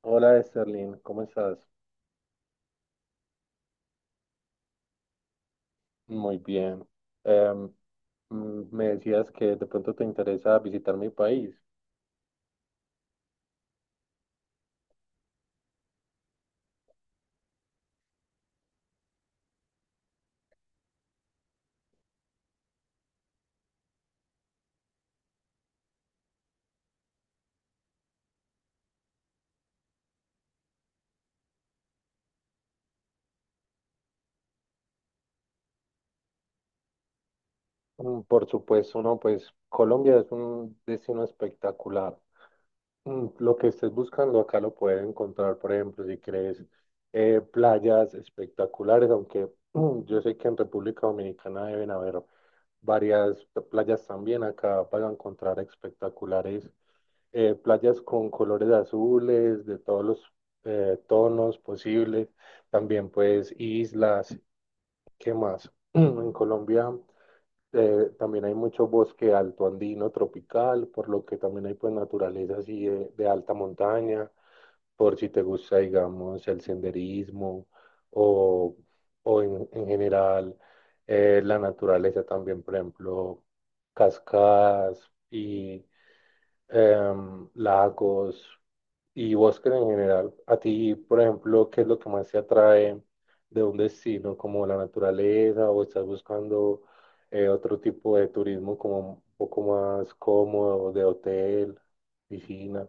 Hola, Sterling, ¿cómo estás? Muy bien. Em, me decías que de pronto te interesa visitar mi país. Por supuesto, no, pues Colombia es un destino espectacular. Lo que estés buscando acá lo puedes encontrar, por ejemplo, si quieres playas espectaculares, aunque yo sé que en República Dominicana deben haber varias playas también. Acá vas a encontrar espectaculares playas con colores azules, de todos los tonos posibles, también pues islas. ¿Qué más? En Colombia también hay mucho bosque alto andino tropical, por lo que también hay pues naturaleza así de alta montaña, por si te gusta, digamos, el senderismo o, o en general la naturaleza también, por ejemplo, cascadas y lagos. Y Oscar en general, a ti, por ejemplo, ¿qué es lo que más te atrae de un destino como la naturaleza, o estás buscando otro tipo de turismo, como un poco más cómodo, de hotel, piscina?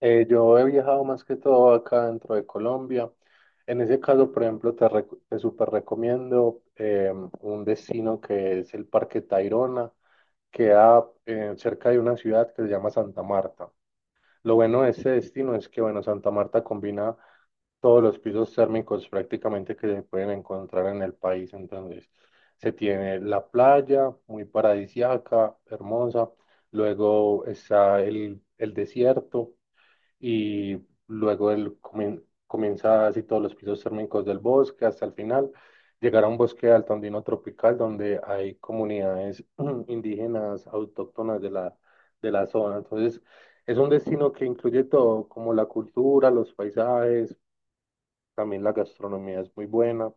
Yo he viajado más que todo acá dentro de Colombia. En ese caso, por ejemplo, te súper recomiendo un destino que es el Parque Tayrona. Queda cerca de una ciudad que se llama Santa Marta. Lo bueno de este destino es que, bueno, Santa Marta combina todos los pisos térmicos prácticamente que se pueden encontrar en el país. Entonces, se tiene la playa, muy paradisiaca, hermosa. Luego está el desierto y luego comienza así todos los pisos térmicos del bosque hasta el final, llegar a un bosque altandino tropical donde hay comunidades indígenas autóctonas de de la zona. Entonces, es un destino que incluye todo, como la cultura, los paisajes, también la gastronomía es muy buena.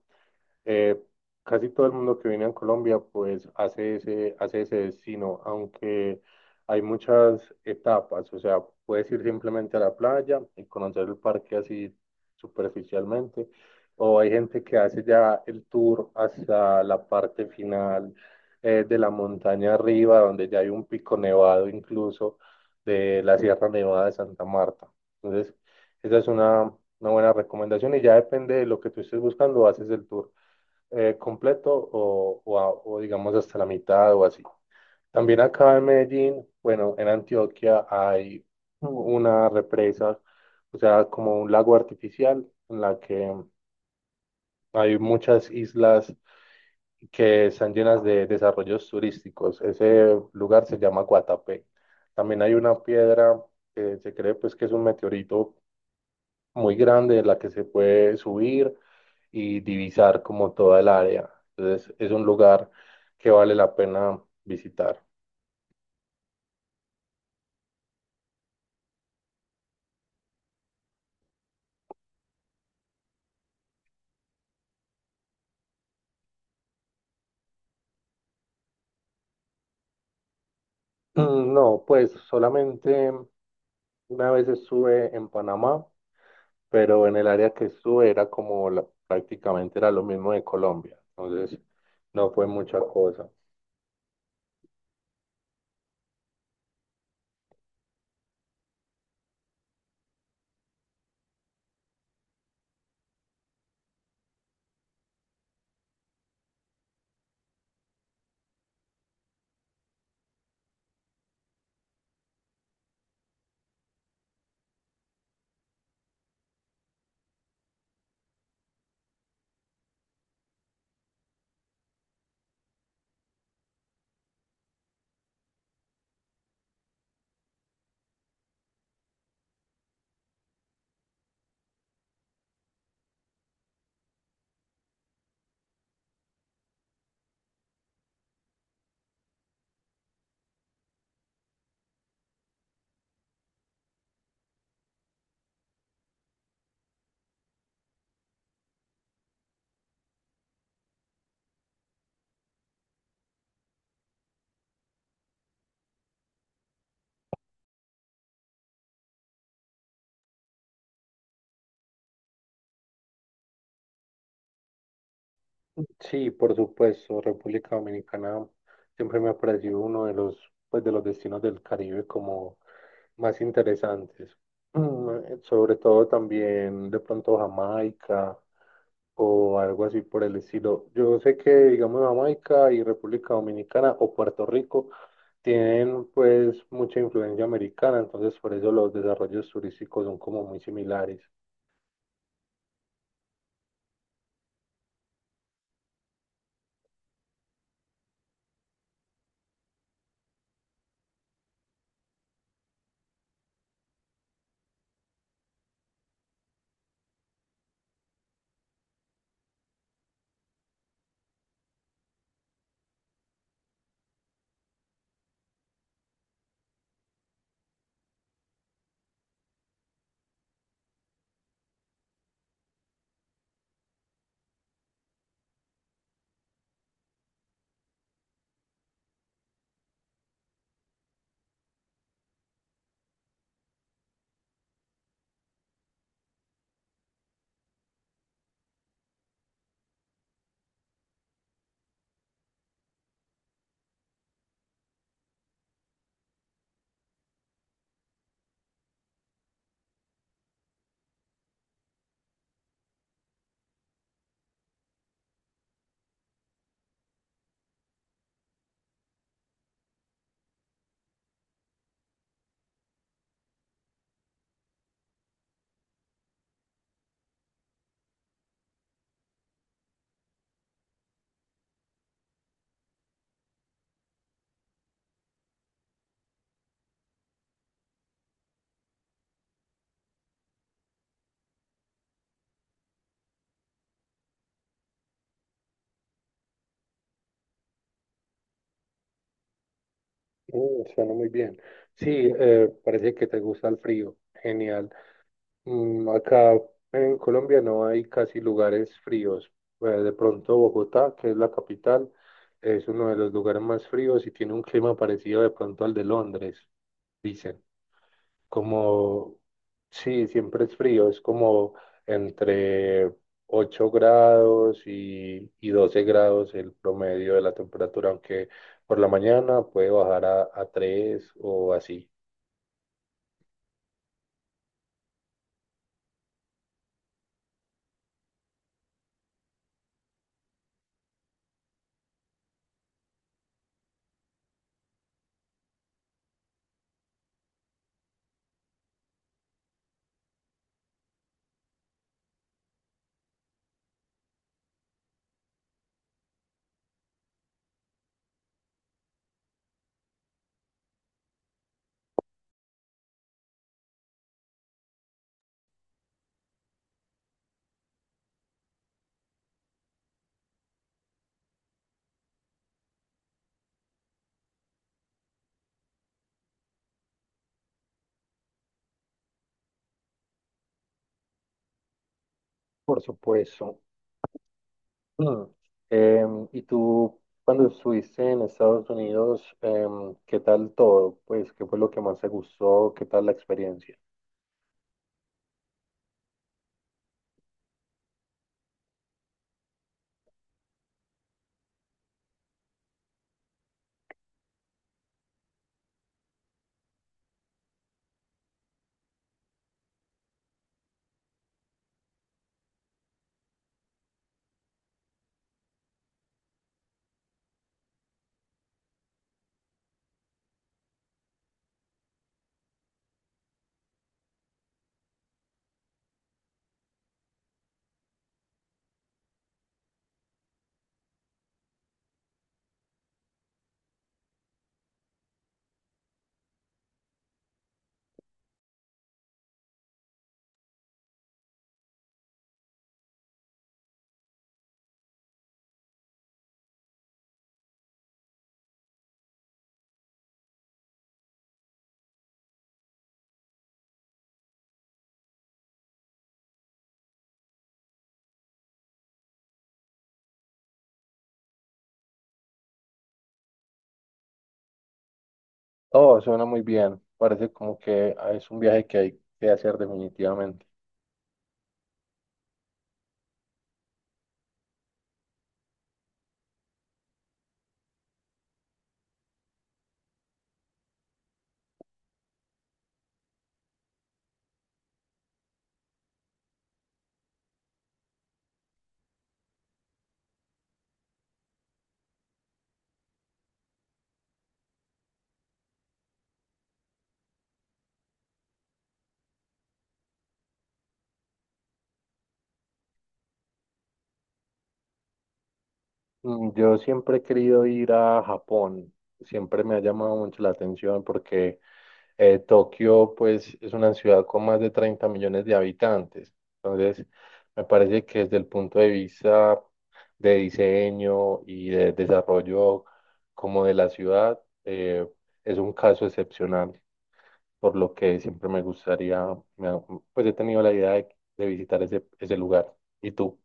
Eh, casi todo el mundo que viene a Colombia pues hace ese destino, aunque hay muchas etapas, o sea, puedes ir simplemente a la playa y conocer el parque así superficialmente, o hay gente que hace ya el tour hasta la parte final de la montaña arriba, donde ya hay un pico nevado incluso de la Sierra Nevada de Santa Marta. Entonces, esa es una buena recomendación y ya depende de lo que tú estés buscando, haces el tour completo o digamos hasta la mitad o así. También acá en Medellín, bueno, en Antioquia hay una represa, o sea, como un lago artificial en la que hay muchas islas que están llenas de desarrollos turísticos. Ese lugar se llama Guatapé. También hay una piedra que se cree pues que es un meteorito muy grande, en la que se puede subir y divisar como toda el área. Entonces es un lugar que vale la pena visitar. No, pues solamente una vez estuve en Panamá, pero en el área que estuve era como prácticamente era lo mismo de Colombia. Entonces no fue mucha cosa. Sí, por supuesto, República Dominicana siempre me ha parecido uno de pues, de los destinos del Caribe como más interesantes. Sobre todo también de pronto Jamaica o algo así por el estilo. Yo sé que, digamos, Jamaica y República Dominicana o Puerto Rico tienen pues mucha influencia americana, entonces por eso los desarrollos turísticos son como muy similares. Mm, suena muy bien. Sí, parece que te gusta el frío. Genial. Mm, acá en Colombia no hay casi lugares fríos. De pronto Bogotá, que es la capital, es uno de los lugares más fríos y tiene un clima parecido de pronto al de Londres, dicen. Como, sí, siempre es frío, es como entre 8 grados y 12 grados el promedio de la temperatura, aunque por la mañana puede bajar a 3 o así. Por supuesto. Mm. ¿Y tú cuando estuviste en Estados Unidos, qué tal todo? Pues, ¿qué fue lo que más te gustó? ¿Qué tal la experiencia? Oh, suena muy bien, parece como que ah, es un viaje que hay que hacer definitivamente. Mm, yo siempre he querido ir a Japón, siempre me ha llamado mucho la atención porque Tokio pues es una ciudad con más de 30 millones de habitantes, entonces me parece que desde el punto de vista de diseño y de desarrollo como de la ciudad eh, es un caso excepcional, por lo que siempre me gustaría, me ha- pues he tenido la idea de visitar ese lugar. ¿Y tú?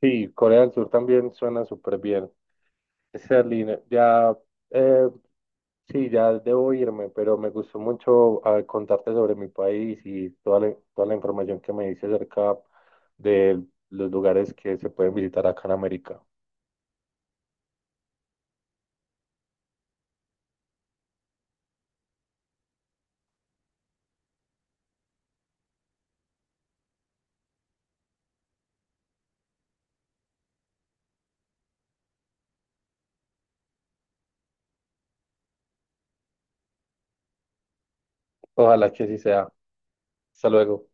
Sí, Corea del Sur también suena súper bien. Serlina, ya, eh, sí, ya debo irme, pero me gustó mucho ah, contarte sobre mi país y toda toda la información que me dice acerca de los lugares que se pueden visitar acá en América. Ojalá que así sea. Hasta luego.